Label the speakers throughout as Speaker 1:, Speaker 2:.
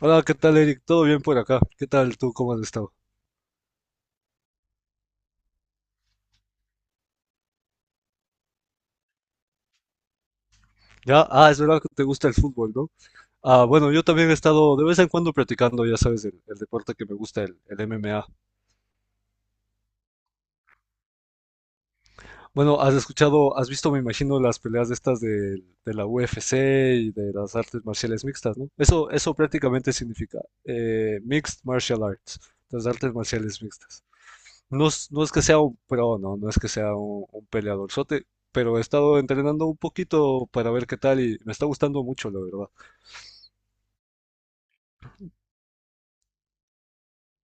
Speaker 1: Hola, ¿qué tal, Eric? ¿Todo bien por acá? ¿Qué tal tú? ¿Cómo has estado? Ya, ah, es verdad que te gusta el fútbol, ¿no? Ah, bueno, yo también he estado de vez en cuando practicando, ya sabes, el deporte que me gusta, el MMA. Bueno, has escuchado, has visto, me imagino, las peleas de estas de la UFC y de las artes marciales mixtas, ¿no? Eso prácticamente significa Mixed Martial Arts, las artes marciales mixtas. No es que sea un pro, no, no es que sea un peleadorzote, pero he estado entrenando un poquito para ver qué tal y me está gustando mucho, la verdad.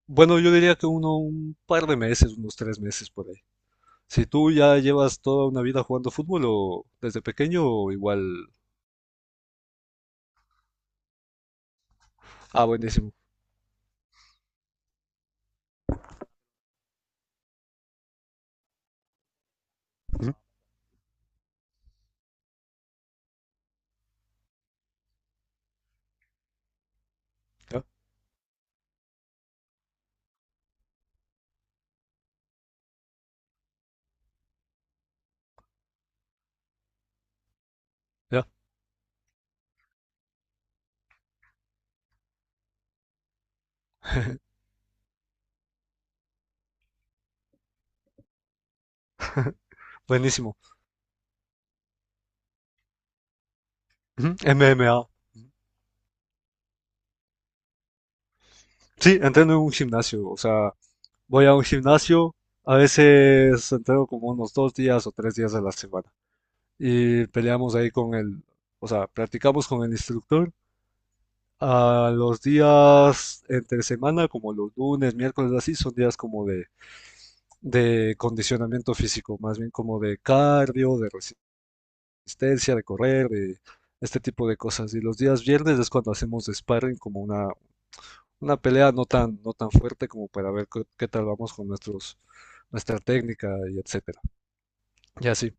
Speaker 1: Bueno, yo diría que un par de meses, unos tres meses por ahí. Si tú ya llevas toda una vida jugando fútbol o desde pequeño, o igual. Ah, buenísimo. Ujú. Ya, ya, buenísimo. Ujú, MMA. Sí, entreno en un gimnasio, o sea, voy a un gimnasio, a veces entreno como unos dos días o tres días a la semana. Y peleamos ahí con o sea, practicamos con el instructor. A los días entre semana, como los lunes, miércoles, así, son días como de condicionamiento físico, más bien como de cardio, de resistencia, de correr, de este tipo de cosas. Y los días viernes es cuando hacemos sparring, como una pelea no tan fuerte como para ver qué tal vamos con nuestra técnica y etcétera. Y así.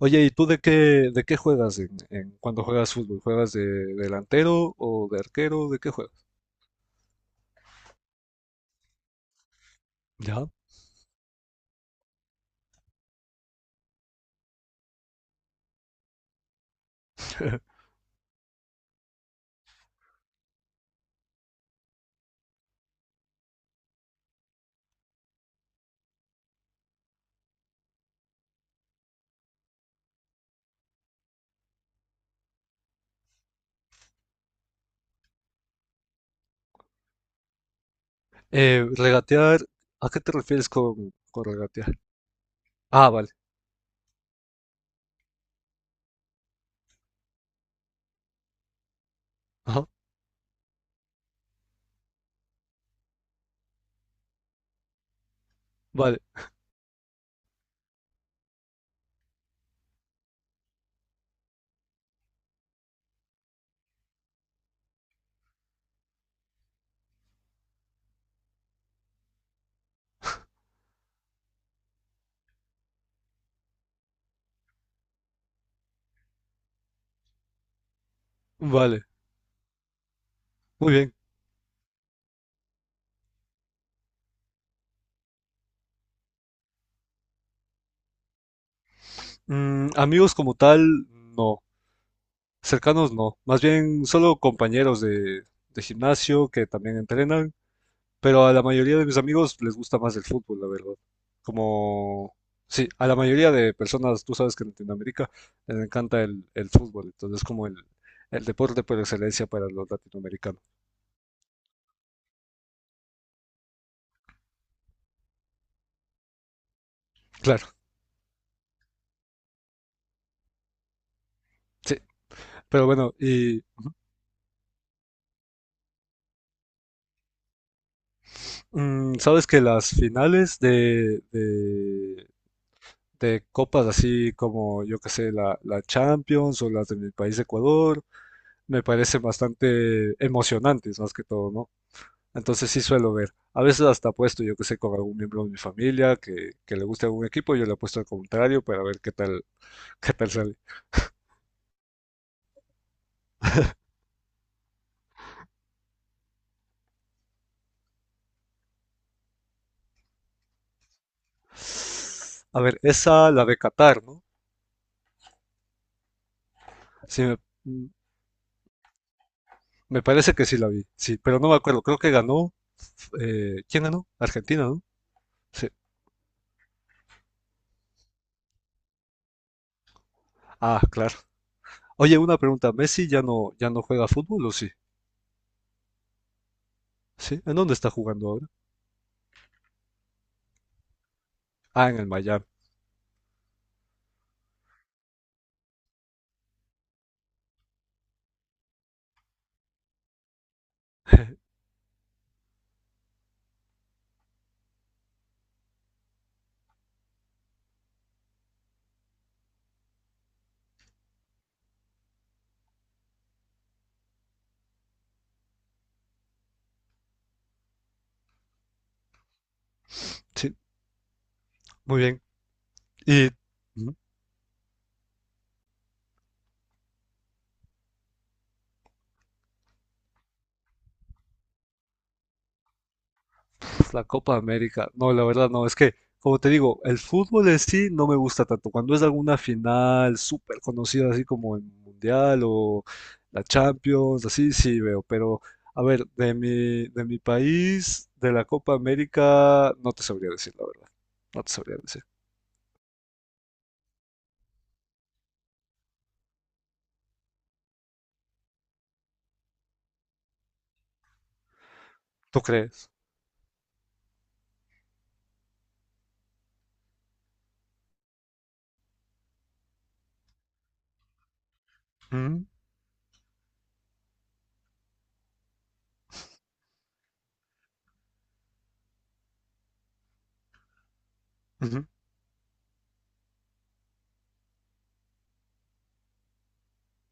Speaker 1: Oye, ¿y tú de qué juegas en, cuando juegas fútbol? ¿Juegas de delantero o de arquero? ¿De qué juegas? ¿Ya? Regatear, ¿a qué te refieres con regatear? Ah, vale. Ajá. Vale, vale. Muy bien. Mm, amigos como tal, no. Cercanos, no. Más bien solo compañeros de gimnasio que también entrenan. Pero a la mayoría de mis amigos les gusta más el fútbol, la verdad. Como, sí, a la mayoría de personas, tú sabes que en Latinoamérica les encanta el fútbol, entonces es como el deporte por excelencia para los latinoamericanos. Claro, sí. Pero bueno, y mm, sabes que las finales de copas así como, yo qué sé, la Champions o las de mi país Ecuador, me parecen bastante emocionantes, más que todo, ¿no? Entonces sí suelo ver. A veces hasta apuesto, yo que sé, con algún miembro de mi familia que le guste algún equipo, yo le apuesto al contrario para ver qué tal, qué tal sale. A ver, esa la de Qatar, ¿no? Sí, me parece que sí la vi, sí, pero no me acuerdo, creo que ganó, ¿quién ganó? Argentina, ¿no? Sí. Ah, claro. Oye, una pregunta, ¿Messi ya no juega fútbol o sí? ¿Sí? ¿En dónde está jugando ahora? Ah, en el Miami. Sí, muy bien. Y, la Copa América. No, la verdad no, es que, como te digo, el fútbol en sí no me gusta tanto. Cuando es alguna final súper conocida, así como el Mundial o la Champions, así sí veo. Pero, a ver, de mi país, de la Copa América, no te sabría decir, la verdad. No te sabría decir. ¿Tú crees? Mm, ujú,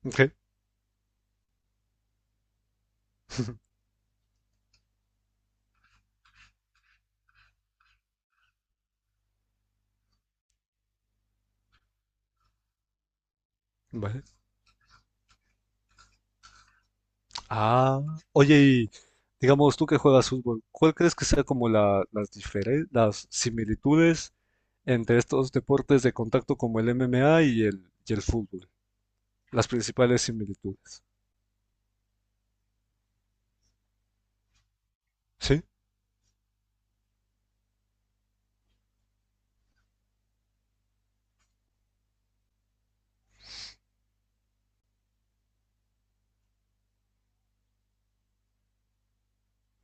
Speaker 1: ok. Vale. Ah, oye, y digamos tú que juegas fútbol, ¿cuál crees que sea como las las similitudes entre estos deportes de contacto como el MMA y y el fútbol, las principales similitudes? Sí,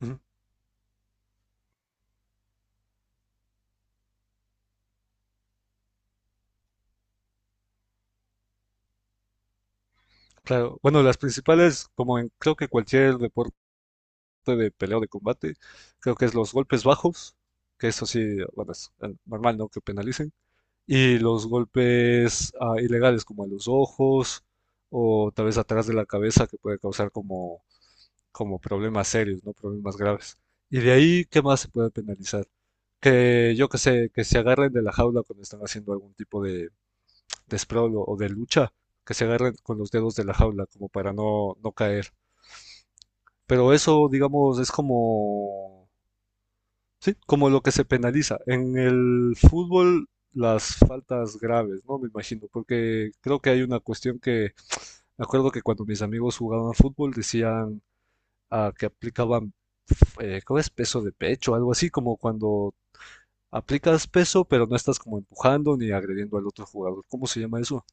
Speaker 1: ujú, claro. Bueno, las principales, como en creo que cualquier deporte de pelea o de combate, creo que es los golpes bajos, que eso sí, bueno, es normal, ¿no? Que penalicen, y los golpes ah, ilegales como a los ojos o tal vez atrás de la cabeza que puede causar como como problemas serios, no problemas graves. Y de ahí, ¿qué más se puede penalizar? Que yo que sé, que se agarren de la jaula cuando están haciendo algún tipo de sprawl o de lucha, que se agarren con los dedos de la jaula como para no caer. Pero eso, digamos, es como, sí, como lo que se penaliza. En el fútbol, las faltas graves, ¿no? Me imagino, porque creo que hay una cuestión que, me acuerdo que cuando mis amigos jugaban fútbol decían ah, que aplicaban, ¿cómo es? Peso de pecho, algo así como cuando aplicas peso, pero no estás como empujando ni agrediendo al otro jugador. ¿Cómo se llama eso?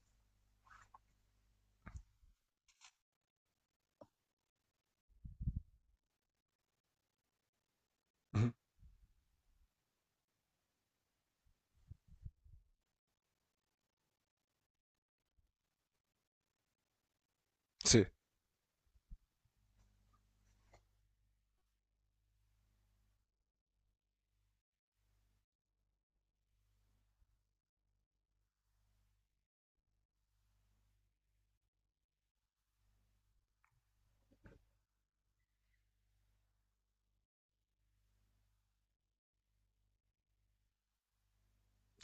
Speaker 1: Ujú. Sí,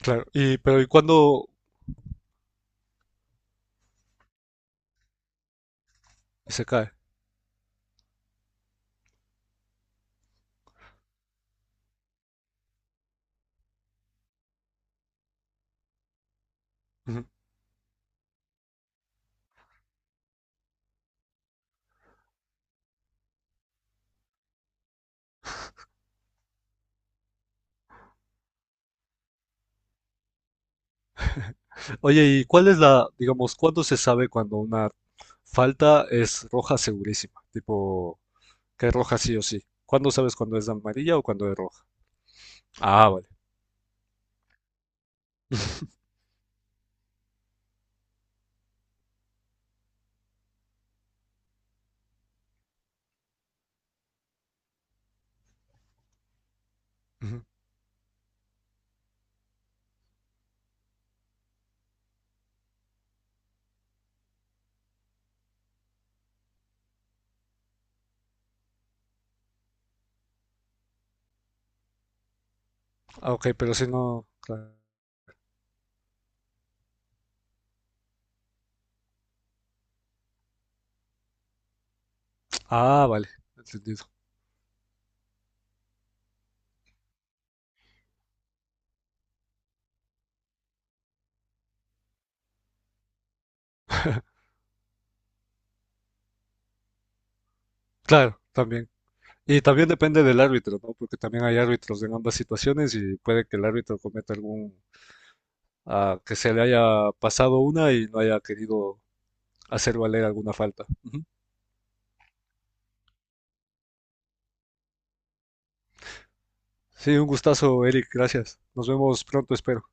Speaker 1: claro. Y, pero ¿y cuándo se cae? Ujú. Oye, ¿y cuál es la, digamos, cuándo se sabe cuando una falta es roja segurísima? Tipo, que es roja sí o sí. ¿Cuándo sabes cuando es amarilla o cuando es roja? Ah, vale. Ujú. Ah, ok, pero si no, claro. Ah, vale, entendido. Claro, también. Y también depende del árbitro, ¿no? Porque también hay árbitros en ambas situaciones y puede que el árbitro cometa algún, ah, que se le haya pasado una y no haya querido hacer valer alguna falta. Ujú. Sí, un gustazo, Eric, gracias. Nos vemos pronto, espero.